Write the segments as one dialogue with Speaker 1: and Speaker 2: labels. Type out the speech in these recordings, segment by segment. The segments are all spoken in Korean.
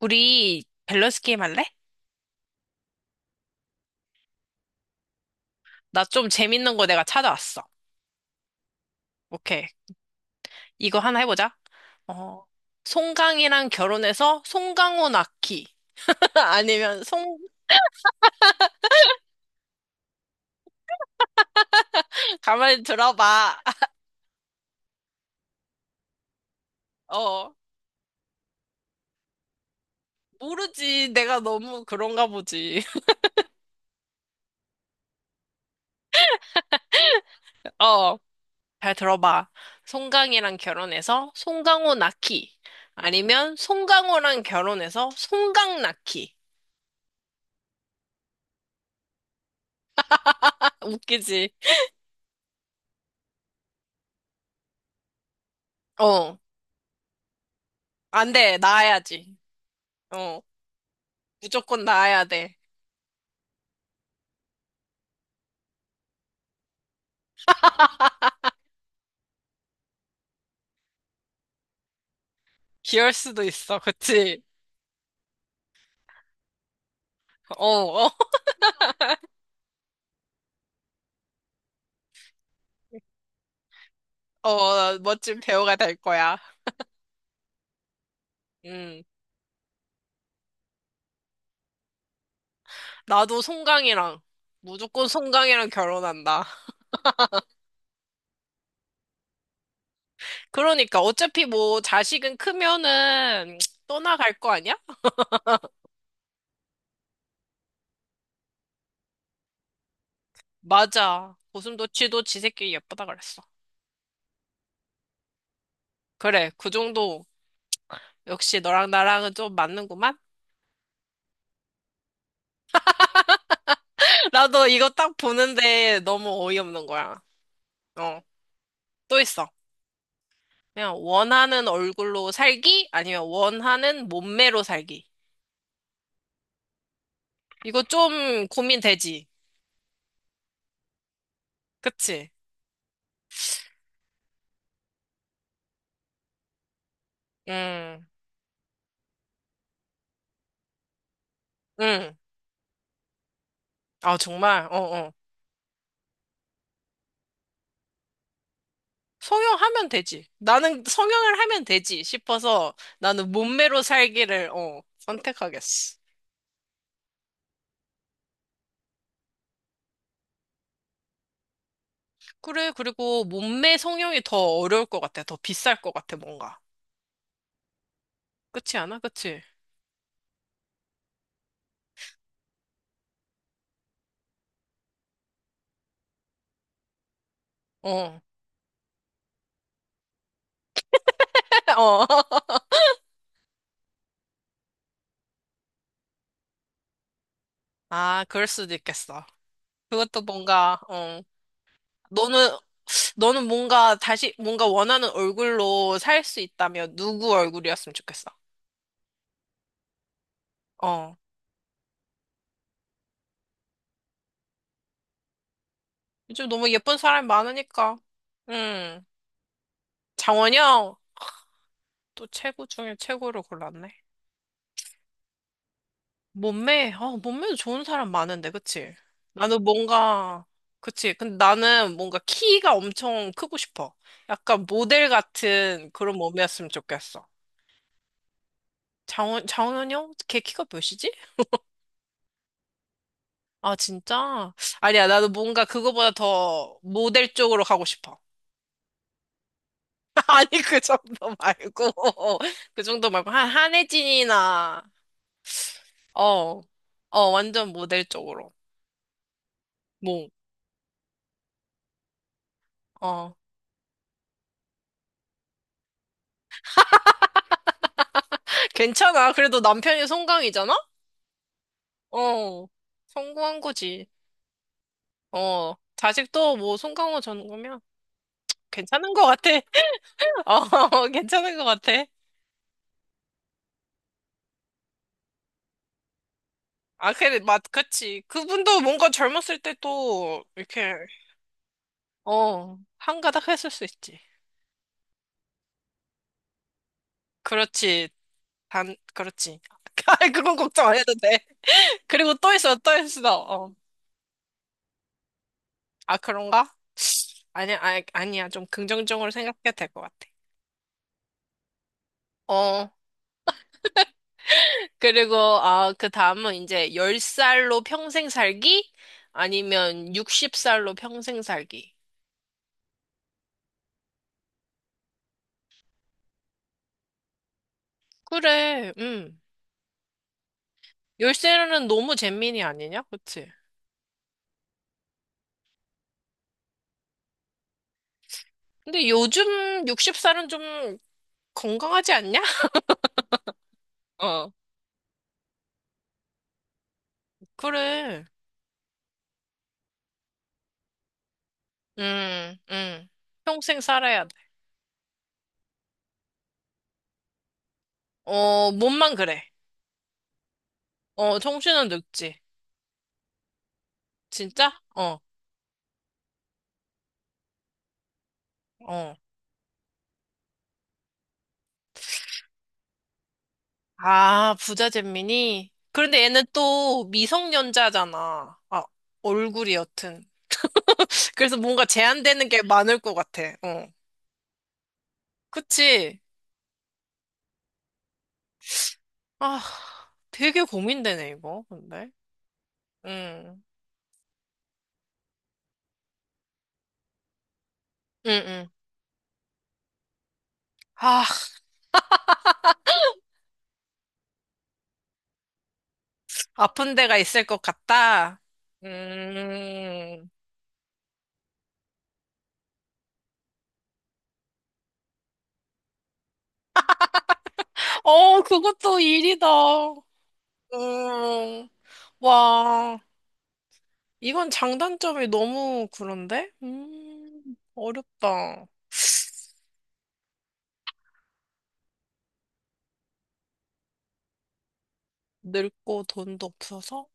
Speaker 1: 우리 밸런스 게임 할래? 나 좀 재밌는 거 내가 찾아왔어. 오케이. 이거 하나 해보자. 어, 송강이랑 결혼해서 송강호 낳기. 아니면 송, 가만히 들어봐. 어, 모르지. 내가 너무 그런가 보지. 어, 잘 들어봐. 송강이랑 결혼해서 송강호 낳기. 아니면 송강호랑 결혼해서 송강 낳기. 웃기지? 어, 안 돼. 낳아야지. 어, 무조건 낳아야 돼. 귀여울 수도 있어, 그치? 어, 어. 멋진 배우가 될 거야. 음. 나도 송강이랑, 무조건 송강이랑 결혼한다. 그러니까, 어차피 뭐, 자식은 크면은, 떠나갈 거 아니야? 맞아. 고슴도치도 지 새끼 예쁘다 그랬어. 그래, 그 정도. 역시 너랑 나랑은 좀 맞는구만? 나도 이거 딱 보는데 너무 어이없는 거야. 어, 또 있어. 그냥 원하는 얼굴로 살기? 아니면 원하는 몸매로 살기. 이거 좀 고민되지. 그치? 음, 음. 아, 정말? 어, 어. 성형하면 되지. 나는 성형을 하면 되지 싶어서 나는 몸매로 살기를, 선택하겠어. 그래, 그리고 몸매 성형이 더 어려울 것 같아. 더 비쌀 것 같아, 뭔가. 그치 않아? 그치? 어. 어. 아, 그럴 수도 있겠어. 그것도 뭔가, 어. 너는, 너는 뭔가 다시, 뭔가 원하는 얼굴로 살 수 있다면 누구 얼굴이었으면 좋겠어? 어. 요즘 너무 예쁜 사람이 많으니까. 응. 장원영, 또 최고 중에 최고를 골랐네. 아, 몸매도 좋은 사람 많은데, 그치? 나는 뭔가, 그치? 근데 나는 뭔가 키가 엄청 크고 싶어. 약간 모델 같은 그런 몸이었으면 좋겠어. 장원영? 걔 키가 몇이지? 아, 진짜? 아니야, 나도 뭔가 그거보다 더 모델 쪽으로 가고 싶어. 아니, 그 정도 말고. 그 정도 말고. 한혜진이나. 어, 완전 모델 쪽으로. 뭐, 어. 괜찮아. 그래도 남편이 송강이잖아? 어, 성공한 거지. 자식도 뭐 송강호 전공이면 괜찮은 것 같아. 괜찮은 것 같아. 아, 그래, 그치. 그분도 뭔가 젊었을 때 또, 이렇게, 한가닥 했을 수 있지. 그렇지. 그렇지. 아, 그건 걱정 안 해도 돼. 그리고 또 있어, 또 있어. 어. 아, 그런가? 아니야, 아니, 아니야. 좀 긍정적으로 생각해도 될 것 같아. 어, 그리고, 아, 그 다음은 이제 10살로 평생 살기? 아니면 60살로 평생 살기? 그래, 10살은 너무 잼민이 아니냐? 그치? 근데 요즘 60살은 좀 건강하지 않냐? 어, 그래. 음, 음. 평생 살아야 돼. 몸만 그래. 정신은 늙지. 진짜? 어, 어. 아, 부자 잼민이? 그런데 얘는 또 미성년자잖아. 아, 얼굴이 여튼. 그래서 뭔가 제한되는 게 많을 것 같아. 어. 그치? 아, 되게 고민되네, 이거. 근데. 응, 응, 응. 아, 아픈 데가 있을 것 같다. 음. 그것도 일이다. 음. 와, 이건 장단점이 너무 그런데? 어렵다. 늙고 돈도 없어서?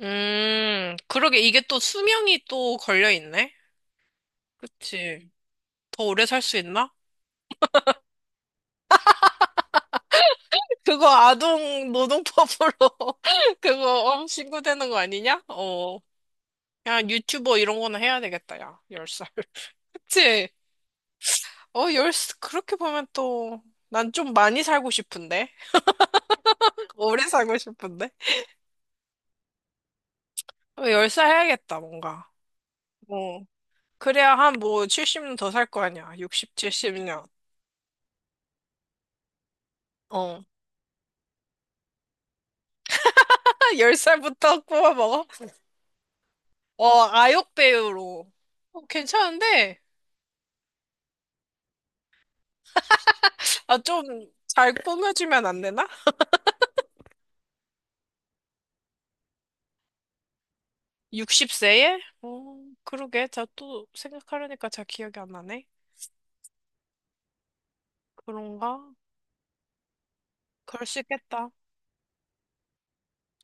Speaker 1: 그러게. 이게 또 수명이 또 걸려 있네? 그치. 더 오래 살 수 있나? 그거 아동 노동법으로 그거 신고되는 거 아니냐? 어. 야, 유튜버 이런 거는 해야 되겠다, 야. 10살. 그치? 어, 열 그렇게 보면 또, 난 좀 많이 살고 싶은데? 오래 살고 싶은데? 10살 해야겠다, 뭔가. 어. 그래야 한 뭐 70년 더 살 거 아니야. 60, 70년. 10살부터 꼬아 먹어? 아역 배우로. 괜찮은데? 아, 좀 잘 꾸며주면 안 되나? 60세에? 어, 그러게. 자, 또 생각하려니까 잘 기억이 안 나네. 그런가? 그럴 수 있겠다.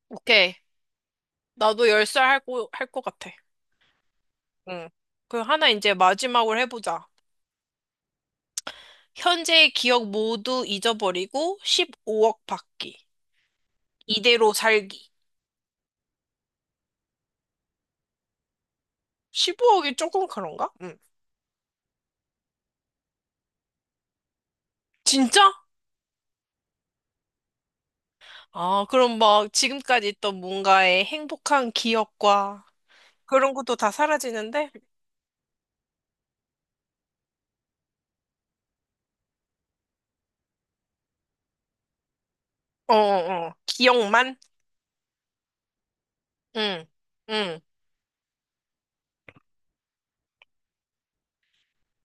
Speaker 1: 오케이. 나도 10살 할 것 같아. 응. 그 하나 이제 마지막으로 해보자. 현재의 기억 모두 잊어버리고 15억 받기. 이대로 살기. 15억이 조금 그런가? 응. 진짜? 아, 그럼 막 지금까지 있던 뭔가의 행복한 기억과 그런 것도 다 사라지는데? 어, 어, 어. 기억만? 응, 응.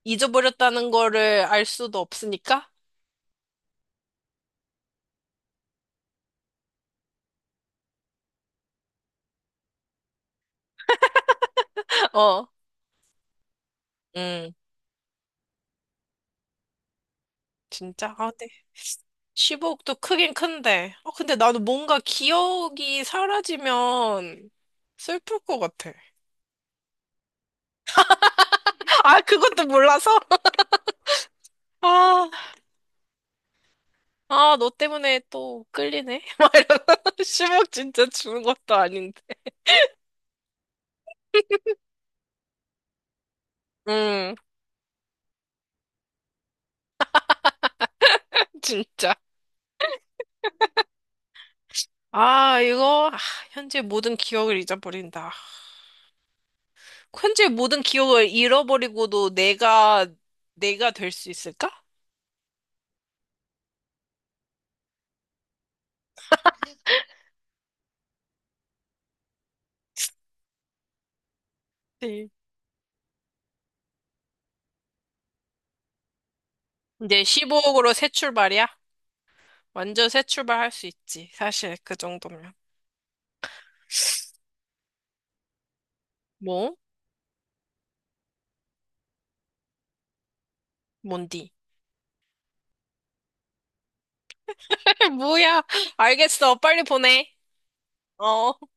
Speaker 1: 잊어버렸다는 거를 알 수도 없으니까? 어, 응. 진짜? 아, 근데 10억도 크긴 큰데. 아, 근데 나도 뭔가 기억이 사라지면 슬플 것 같아. 아, 그것도 몰라서? 아, 아, 너 때문에 또 끌리네? 막 이러면서 10억 진짜 주는 것도 아닌데. 응. 진짜. 아, 현재 모든 기억을 잊어버린다. 현재 모든 기억을 잃어버리고도 내가 될 수 있을까? 네. 이제 15억으로 새 출발이야? 완전 새 출발할 수 있지. 사실, 그 정도면. 뭐? 뭔디? 뭐야? 알겠어. 빨리 보내. 어.